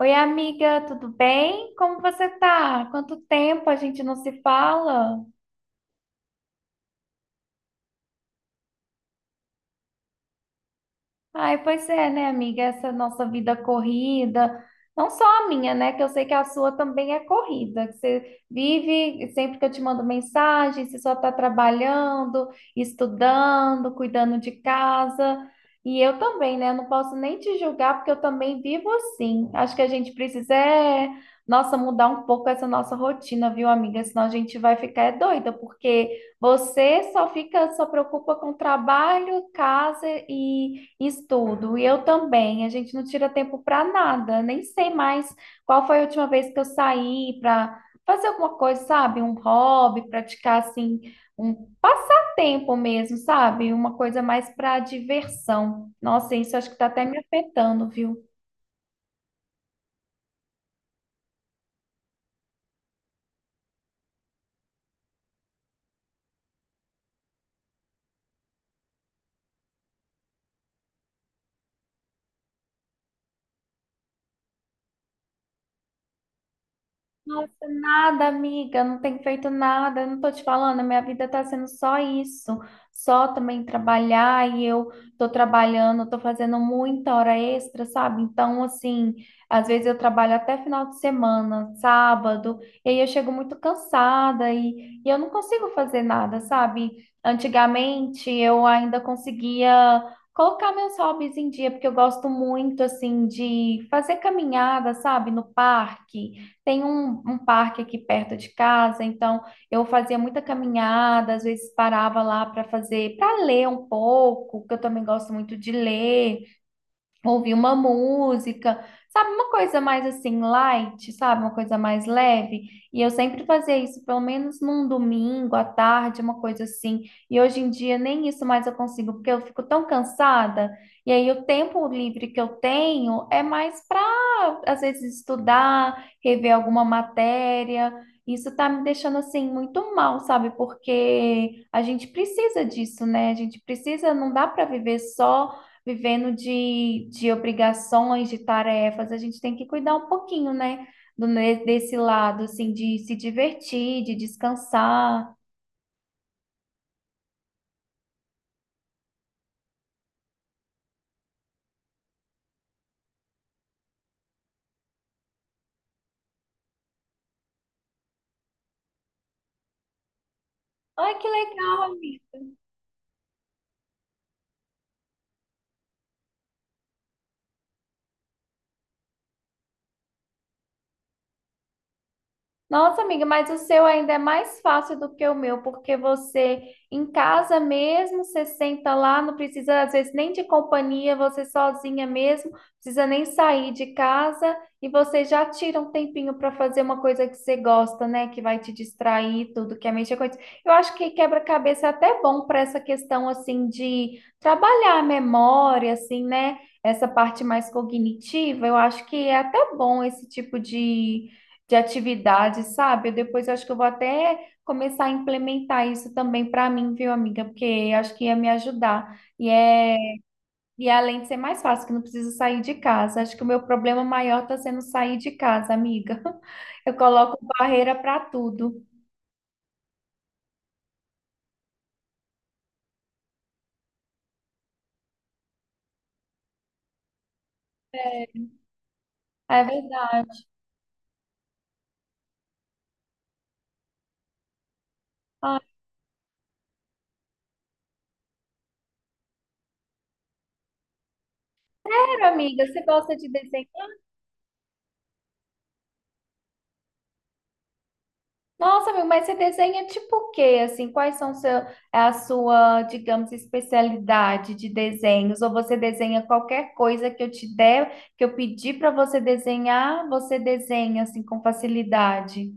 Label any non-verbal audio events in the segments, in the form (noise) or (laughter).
Oi, amiga, tudo bem? Como você tá? Quanto tempo a gente não se fala? Ai, pois é, né, amiga? Essa nossa vida corrida, não só a minha, né? Que eu sei que a sua também é corrida, que você vive, sempre que eu te mando mensagem, você só tá trabalhando, estudando, cuidando de casa. E eu também, né? Não posso nem te julgar, porque eu também vivo assim. Acho que a gente precisa, é, nossa, mudar um pouco essa nossa rotina, viu, amiga? Senão a gente vai ficar é doida, porque você só fica, só preocupa com trabalho, casa e estudo, e eu também. A gente não tira tempo para nada. Nem sei mais qual foi a última vez que eu saí para fazer alguma coisa, sabe? Um hobby, praticar assim, um passatempo mesmo, sabe? Uma coisa mais para diversão. Nossa, isso acho que tá até me afetando, viu? Nossa, nada, amiga, não tenho feito nada, eu não tô te falando, a minha vida tá sendo só isso, só também trabalhar e eu tô trabalhando, tô fazendo muita hora extra, sabe? Então, assim, às vezes eu trabalho até final de semana, sábado, e aí eu chego muito cansada e eu não consigo fazer nada, sabe? Antigamente eu ainda conseguia colocar meus hobbies em dia, porque eu gosto muito, assim, de fazer caminhada, sabe, no parque. Tem um parque aqui perto de casa, então eu fazia muita caminhada, às vezes parava lá para fazer, para ler um pouco, que eu também gosto muito de ler ouvir uma música, sabe? Uma coisa mais assim, light, sabe? Uma coisa mais leve. E eu sempre fazia isso, pelo menos num domingo à tarde, uma coisa assim. E hoje em dia nem isso mais eu consigo, porque eu fico tão cansada. E aí o tempo livre que eu tenho é mais para, às vezes, estudar, rever alguma matéria. Isso tá me deixando assim muito mal, sabe? Porque a gente precisa disso, né? A gente precisa, não dá para viver só vivendo de obrigações, de tarefas, a gente tem que cuidar um pouquinho, né? Desse lado, assim, de se divertir, de descansar. Ai, que legal! Nossa, amiga, mas o seu ainda é mais fácil do que o meu, porque você em casa mesmo, você senta lá, não precisa às vezes nem de companhia, você sozinha mesmo, não precisa nem sair de casa e você já tira um tempinho para fazer uma coisa que você gosta, né? Que vai te distrair, tudo que é mexer com isso. Eu acho que quebra-cabeça é até bom para essa questão assim de trabalhar a memória, assim, né? Essa parte mais cognitiva, eu acho que é até bom esse tipo de atividade, sabe? Depois eu acho que eu vou até começar a implementar isso também para mim, viu, amiga? Porque acho que ia me ajudar. E é além de ser mais fácil, que não preciso sair de casa. Acho que o meu problema maior está sendo sair de casa, amiga. (laughs) Eu coloco barreira para tudo. É é verdade. Ah, sério, amiga, você gosta de desenhar? Nossa, amigo, mas você desenha tipo o quê? Assim, quais são seu, é a sua, digamos, especialidade de desenhos? Ou você desenha qualquer coisa que eu te der, que eu pedir para você desenhar, você desenha assim com facilidade?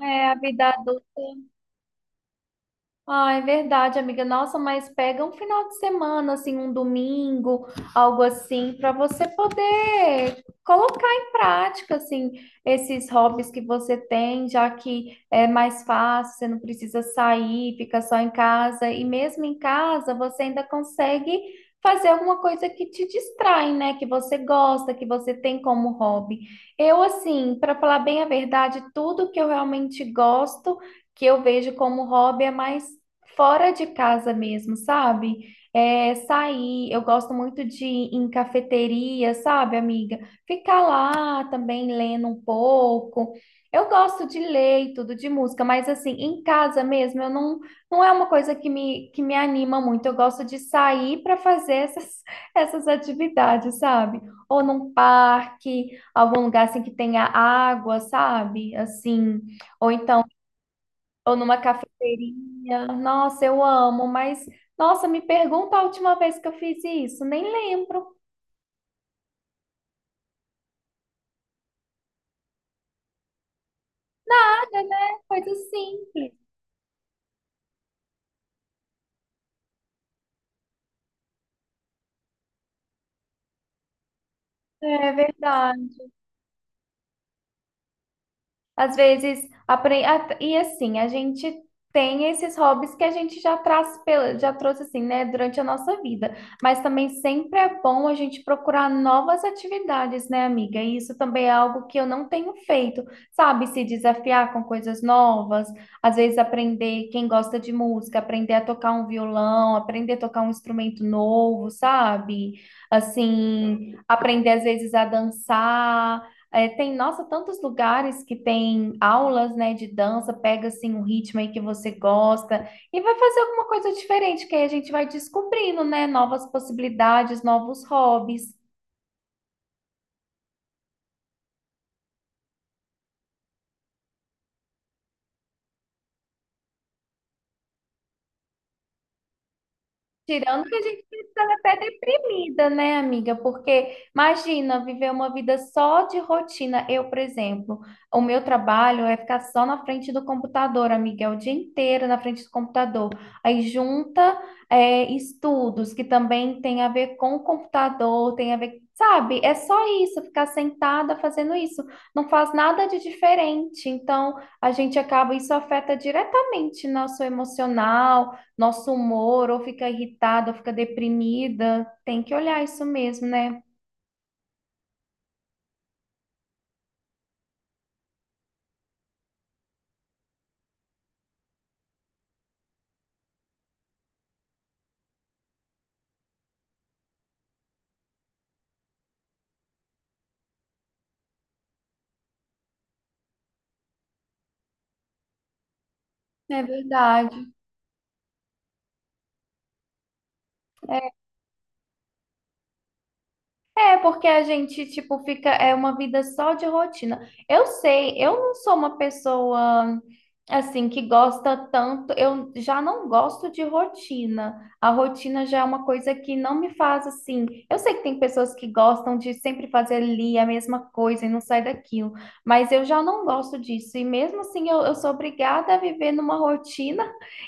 É, a vida adulta. Ah, é verdade, amiga. Nossa, mas pega um final de semana, assim, um domingo, algo assim, para você poder colocar em prática, assim, esses hobbies que você tem, já que é mais fácil, você não precisa sair, fica só em casa. E mesmo em casa, você ainda consegue fazer alguma coisa que te distrai, né? Que você gosta, que você tem como hobby. Eu, assim, para falar bem a verdade, tudo que eu realmente gosto que eu vejo como hobby é mais fora de casa mesmo, sabe? É, sair, eu gosto muito de ir em cafeteria, sabe, amiga? Ficar lá também lendo um pouco. Eu gosto de ler e tudo de música, mas assim, em casa mesmo, eu não, não é uma coisa que me anima muito. Eu gosto de sair para fazer essas, (laughs) essas atividades, sabe? Ou num parque, algum lugar assim que tenha água, sabe? Assim, ou então ou numa cafeteria. Nossa, eu amo, mas nossa, me pergunta a última vez que eu fiz isso. Nem lembro. Nada, né? Coisa simples. É verdade. Às vezes, e assim, a gente tem esses hobbies que a gente já traz, já trouxe assim, né, durante a nossa vida. Mas também sempre é bom a gente procurar novas atividades, né, amiga? E isso também é algo que eu não tenho feito, sabe? Se desafiar com coisas novas, às vezes aprender quem gosta de música, aprender a tocar um violão, aprender a tocar um instrumento novo, sabe? Assim, aprender às vezes a dançar. É, tem, nossa, tantos lugares que tem aulas, né, de dança, pega assim um ritmo aí que você gosta e vai fazer alguma coisa diferente, que aí a gente vai descobrindo, né, novas possibilidades, novos hobbies. Tirando que a gente fica até deprimida, né, amiga? Porque imagina viver uma vida só de rotina. Eu, por exemplo, o meu trabalho é ficar só na frente do computador, amiga, é o dia inteiro na frente do computador. Aí junta, é, estudos que também tem a ver com o computador, tem a ver, sabe? É só isso, ficar sentada fazendo isso. Não faz nada de diferente. Então, a gente acaba, isso afeta diretamente nosso emocional nosso humor, ou fica irritada, ou fica deprimida. Tem que olhar isso mesmo, né? É verdade. É, porque a gente, tipo, fica, é uma vida só de rotina. Eu sei, eu não sou uma pessoa, assim, que gosta tanto, eu já não gosto de rotina. A rotina já é uma coisa que não me faz, assim, eu sei que tem pessoas que gostam de sempre fazer ali a mesma coisa e não sai daquilo, mas eu já não gosto disso. E mesmo assim, eu sou obrigada a viver numa rotina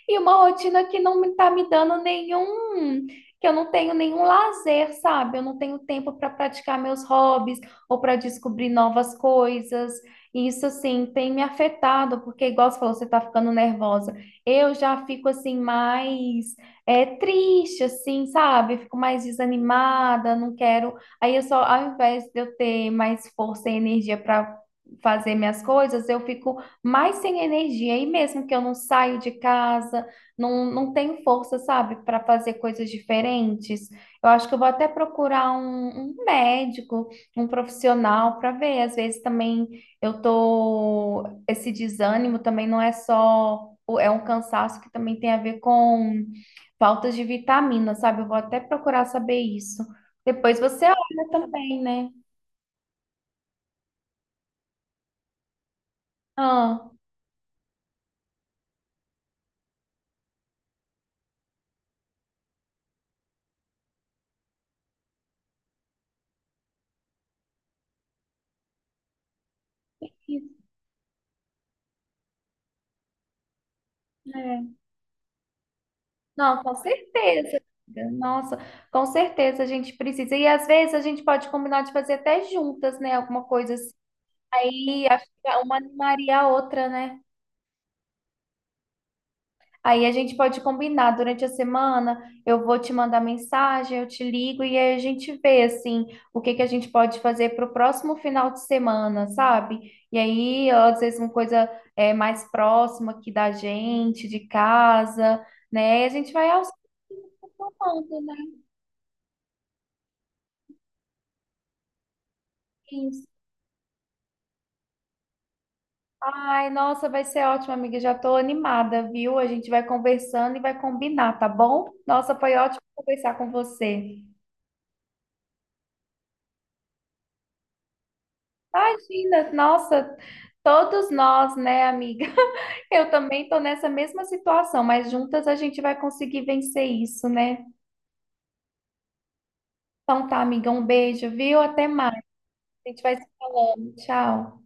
e uma rotina que não me tá me dando nenhum que eu não tenho nenhum lazer, sabe? Eu não tenho tempo para praticar meus hobbies ou para descobrir novas coisas. E isso, assim, tem me afetado, porque, igual você falou, você tá ficando nervosa. Eu já fico, assim, mais é, triste, assim, sabe? Fico mais desanimada, não quero. Aí eu só, ao invés de eu ter mais força e energia para fazer minhas coisas, eu fico mais sem energia. E mesmo que eu não saio de casa, não, não tem força, sabe, para fazer coisas diferentes. Eu acho que eu vou até procurar um médico, um profissional para ver. Às vezes também eu tô. Esse desânimo também não é só. É um cansaço que também tem a ver com faltas de vitamina, sabe? Eu vou até procurar saber isso. Depois você olha também, né? Ah, isso, né? Não, com certeza. Nossa, com certeza a gente precisa. E às vezes a gente pode combinar de fazer até juntas, né? Alguma coisa assim. Aí acho que é uma animaria a outra, né? Aí a gente pode combinar durante a semana. Eu vou te mandar mensagem, eu te ligo e aí a gente vê assim o que que a gente pode fazer para o próximo final de semana, sabe? E aí às vezes uma coisa é mais próxima aqui da gente, de casa, né? E a gente vai aos poucos, né? Ai, nossa, vai ser ótimo, amiga. Já tô animada, viu? A gente vai conversando e vai combinar, tá bom? Nossa, foi ótimo conversar com você. Imagina, nossa, todos nós, né, amiga? (laughs) Eu também tô nessa mesma situação, mas juntas a gente vai conseguir vencer isso, né? Então tá, amiga, um beijo, viu? Até mais. A gente vai se falando. Tchau.